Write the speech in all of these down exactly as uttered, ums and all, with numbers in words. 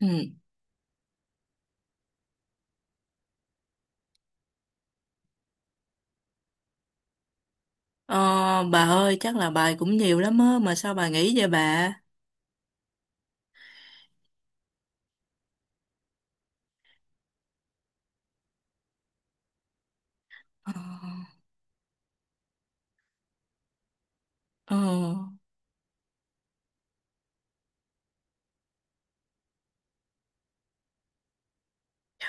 Ừ. Ờ, bà ơi chắc là bài cũng nhiều lắm á mà sao bà nghỉ vậy bà? Ờ, ờ.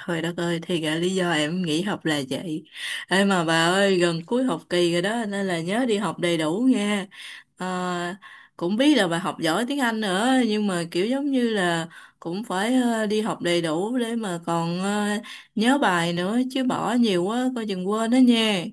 Trời đất ơi thì ra lý do em nghỉ học là vậy. Ê mà bà ơi gần cuối học kỳ rồi đó nên là nhớ đi học đầy đủ nha. Ờ, cũng biết là bà học giỏi tiếng Anh nữa nhưng mà kiểu giống như là cũng phải ờ, đi học đầy đủ để mà còn ờ, nhớ bài nữa chứ bỏ nhiều quá coi chừng quên đó nha.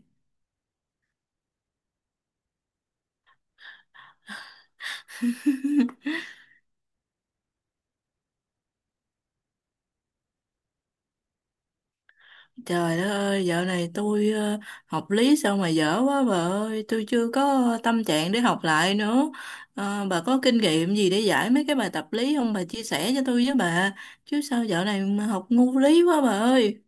Trời đất ơi, dạo này tôi ờ, học lý sao mà dở quá bà ơi, tôi chưa có tâm trạng để học lại nữa. Ờ, bà có kinh nghiệm gì để giải mấy cái bài tập lý không? Bà chia sẻ cho tôi với bà. Chứ sao dạo này mà học ngu lý quá bà ơi.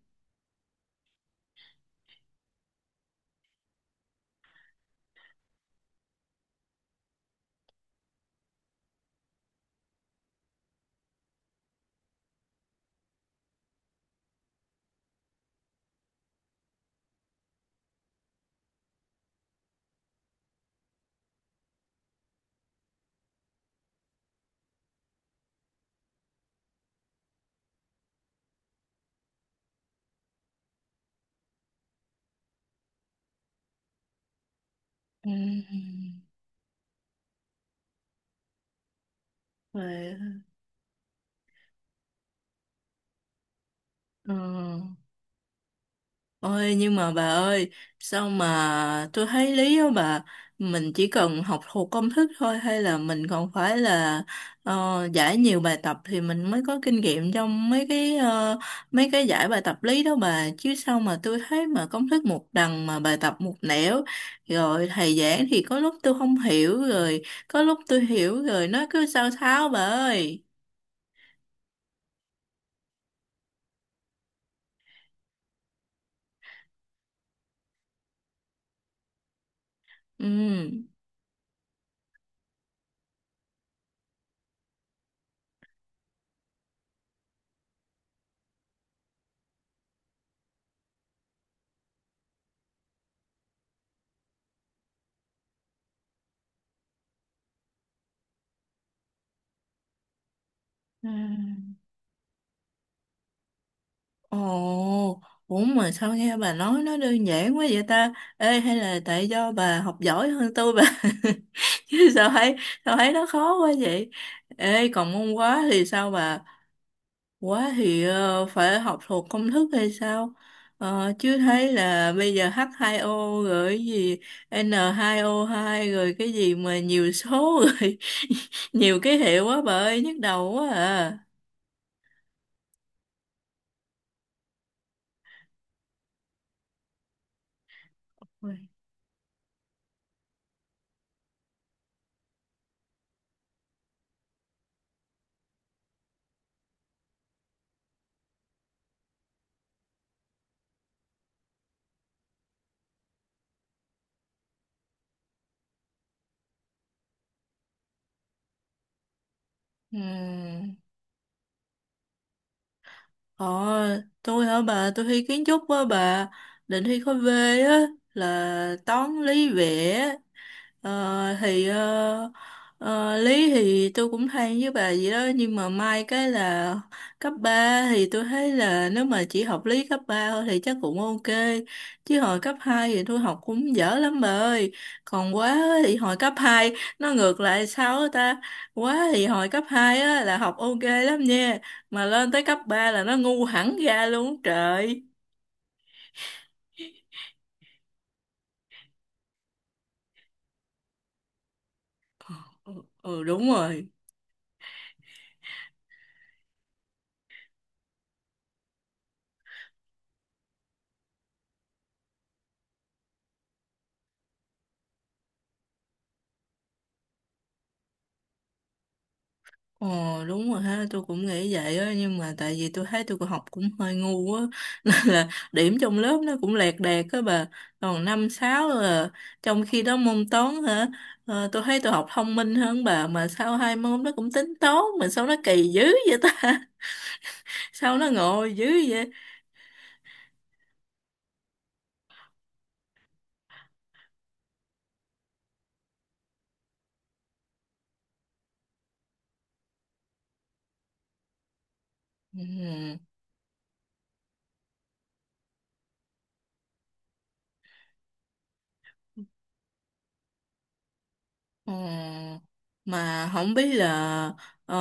Ừm. Về. Ờ. Ôi nhưng mà bà ơi sao mà tôi thấy lý đó bà mình chỉ cần học thuộc công thức thôi hay là mình còn phải là ờ, giải nhiều bài tập thì mình mới có kinh nghiệm trong mấy cái ờ, mấy cái giải bài tập lý đó bà, chứ sao mà tôi thấy mà công thức một đằng mà bài tập một nẻo, rồi thầy giảng thì có lúc tôi không hiểu rồi có lúc tôi hiểu rồi nó cứ sao tháo bà ơi, ừ. Ừ. Ồ, ủa mà sao nghe bà nói nó đơn giản quá vậy ta? Ê, hay là tại do bà học giỏi hơn tôi bà? Chứ sao thấy, sao thấy nó khó quá vậy? Ê, còn môn hóa thì sao bà? Hóa thì ờ, phải học thuộc công thức hay sao? Ờ, chứ thấy là bây giờ hát hai ô rồi cái gì en hai ô hai rồi cái gì mà nhiều số rồi nhiều ký hiệu quá bà ơi nhức đầu quá à. Ôi. Ừ. Ờ, tôi hả bà, tôi thi kiến trúc á bà, định thi khối V á, là toán lý vẽ, ờ, thì ờ, ờ, lý thì tôi cũng hay với bà vậy đó, nhưng mà may cái là cấp ba thì tôi thấy là nếu mà chỉ học lý cấp ba thôi thì chắc cũng ok, chứ hồi cấp hai thì tôi học cũng dở lắm bà ơi, còn quá thì hồi cấp hai nó ngược lại sao á ta, quá thì hồi cấp hai á là học ok lắm nha mà lên tới cấp ba là nó ngu hẳn ra luôn á trời. Ừ, ừ đúng rồi. Ờ đúng rồi ha, tôi cũng nghĩ vậy á nhưng mà tại vì tôi thấy tôi cũng học cũng hơi ngu á nên là điểm trong lớp nó cũng lẹt đẹt á bà, còn năm sáu là trong khi đó môn toán hả, ờ, tôi thấy tôi học thông minh hơn bà mà sao hai môn nó cũng tính toán mà sao nó kỳ dữ vậy ta sao nó ngồi dữ vậy, ừ. Ờ, mà không biết là ờ,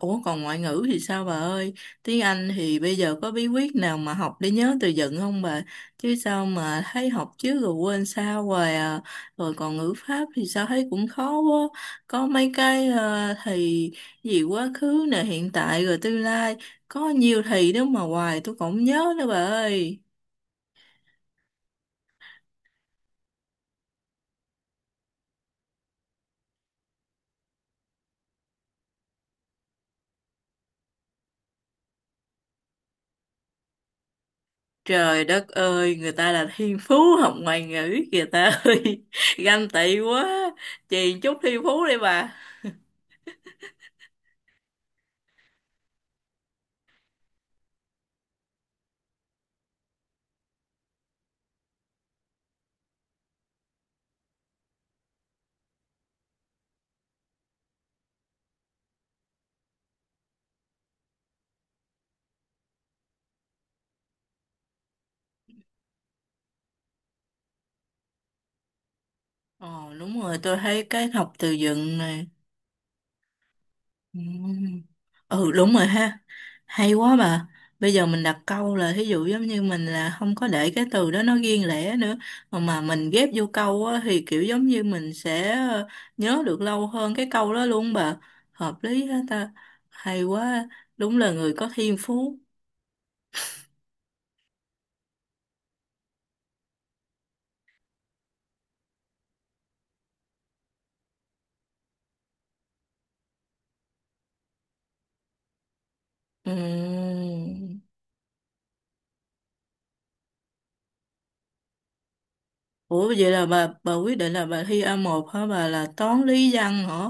ủa còn ngoại ngữ thì sao bà ơi? Tiếng Anh thì bây giờ có bí quyết nào mà học để nhớ từ vựng không bà? Chứ sao mà thấy học trước rồi quên sao hoài à. Rồi còn ngữ pháp thì sao thấy cũng khó quá. Có mấy cái ờ, thì gì quá khứ nè, hiện tại rồi tương lai. Có nhiều thì đó mà hoài tôi cũng không nhớ nữa bà ơi. Trời đất ơi, người ta là thiên phú học ngoại ngữ kìa ta ơi, ganh tị quá, chèn chút thiên phú đi bà. Ồ đúng rồi, tôi thấy cái học từ vựng này. Ừ. Ừ, đúng rồi ha, hay quá bà. Bây giờ mình đặt câu là thí dụ giống như mình là không có để cái từ đó nó riêng lẻ nữa, mà mà mình ghép vô câu á, thì kiểu giống như mình sẽ ờ, nhớ được lâu hơn cái câu đó luôn bà. Hợp lý hết ta, hay quá, đúng là người có thiên phú. Ừm. Ủa vậy là bà bà quyết định là bà thi a một hả bà, là toán lý văn hả?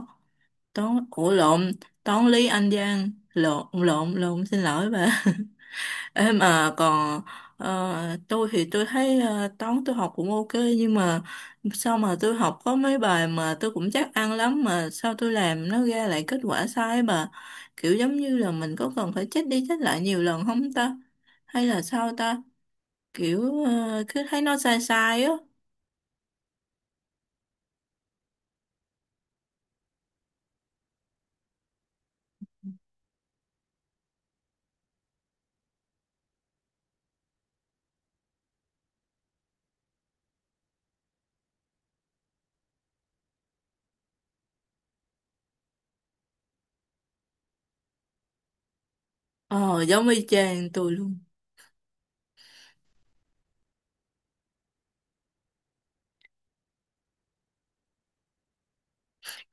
Toán Ủa lộn, toán lý Anh văn. Lộn lộn lộn xin lỗi bà. Em mà còn ờ, tôi thì tôi thấy ờ, toán tôi học cũng ok nhưng mà sao mà tôi học có mấy bài mà tôi cũng chắc ăn lắm mà sao tôi làm nó ra lại kết quả sai á bà. Kiểu giống như là mình có cần phải check đi check lại nhiều lần không ta? Hay là sao ta? Kiểu ờ, cứ thấy nó sai sai á. Ờ giống y chang tôi luôn.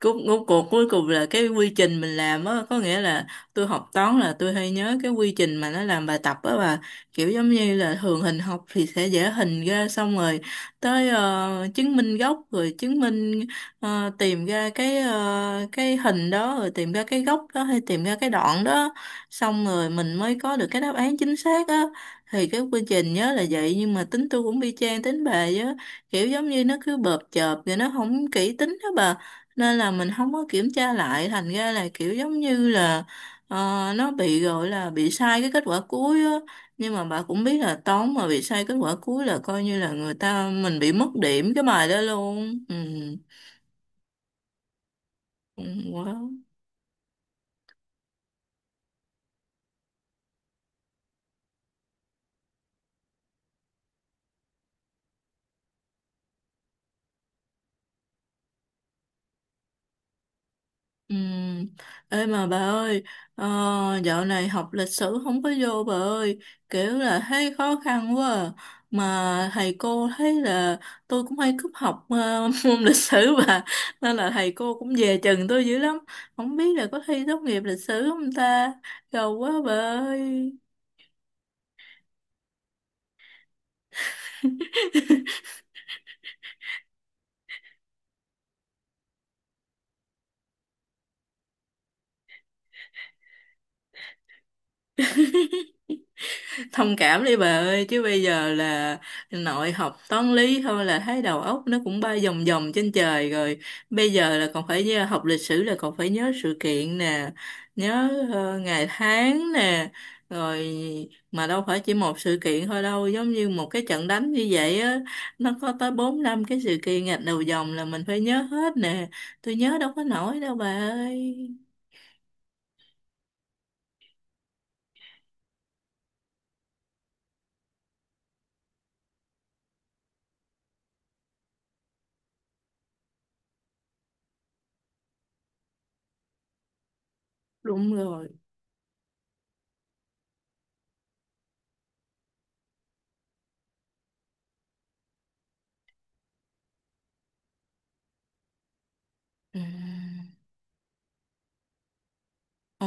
Cuối cuối cuộc cuối cùng là cái quy trình mình làm á, có nghĩa là tôi học toán là tôi hay nhớ cái quy trình mà nó làm bài tập á, và kiểu giống như là thường hình học thì sẽ vẽ hình ra xong rồi tới ờ, chứng minh gốc rồi chứng minh ờ, tìm ra cái ờ, cái hình đó rồi tìm ra cái góc đó hay tìm ra cái đoạn đó xong rồi mình mới có được cái đáp án chính xác á. Thì cái quy trình nhớ là vậy nhưng mà tính tôi cũng y chang tính bà á, kiểu giống như nó cứ bợp chợp rồi nó không kỹ tính đó bà, nên là mình không có kiểm tra lại thành ra là kiểu giống như là ờ, nó bị gọi là bị sai cái kết quả cuối á. Nhưng mà bà cũng biết là toán mà bị sai kết quả cuối là coi như là người ta mình bị mất điểm cái bài đó luôn, ừ, ừ quá. Ừ. Ê mà bà ơi, ờ, dạo này học lịch sử không có vô bà ơi, kiểu là thấy khó khăn quá à. Mà thầy cô thấy là tôi cũng hay cúp học ờ, môn lịch sử bà, nên là thầy cô cũng dè chừng tôi dữ lắm. Không biết là có thi tốt nghiệp lịch sử không ta, gầu quá bà ơi. Thông cảm đi bà ơi chứ bây giờ là nội học toán lý thôi là thấy đầu óc nó cũng bay vòng vòng trên trời rồi, bây giờ là còn phải nhớ- học lịch sử là còn phải nhớ sự kiện nè, nhớ ờ, ngày tháng nè, rồi mà đâu phải chỉ một sự kiện thôi đâu, giống như một cái trận đánh như vậy á nó có tới bốn năm cái sự kiện gạch đầu dòng là mình phải nhớ hết nè, tôi nhớ đâu có nổi đâu bà ơi. Đúng rồi, ừ. Ờ.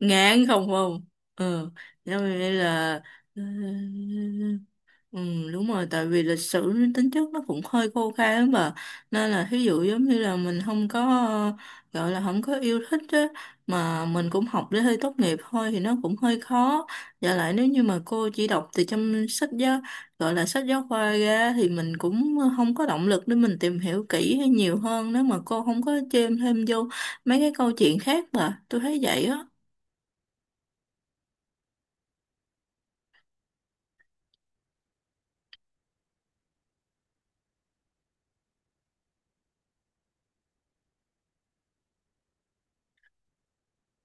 Ngán, không không, ừ, cho nên là ờ, ừ đúng rồi, tại vì lịch sử nó tính chất nó cũng hơi khô khan mà, nên là thí dụ giống như là mình không có ờ, gọi là không có yêu thích á mà mình cũng học để hơi tốt nghiệp thôi thì nó cũng hơi khó, và lại nếu như mà cô chỉ đọc từ trong sách giáo gọi là sách giáo khoa ra thì mình cũng không có động lực để mình tìm hiểu kỹ hay nhiều hơn nếu mà cô không có chêm thêm vô mấy cái câu chuyện khác, mà tôi thấy vậy á.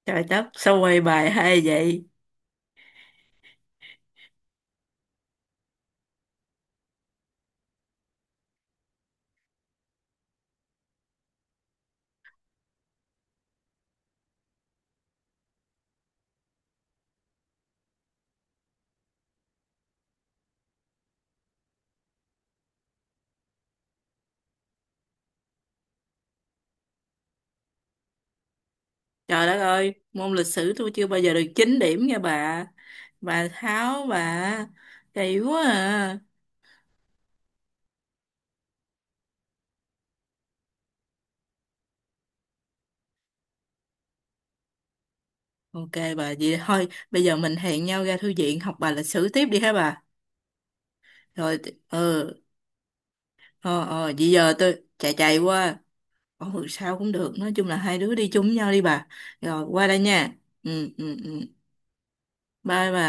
Trời đất, sao quay bài hay vậy? Trời đất ơi, môn lịch sử tôi chưa bao giờ được chín điểm nha bà. Bà Tháo, bà. Kỳ quá à. Ok bà, vậy thôi, bây giờ mình hẹn nhau ra thư viện học bài lịch sử tiếp đi hả bà? Rồi, ừ, ờ, ờ, vậy giờ tôi chạy chạy qua. Ừ, sao cũng được, nói chung là hai đứa đi chung với nhau đi bà. Rồi, qua đây nha. Ừ, ừ, ừ. Bye bà.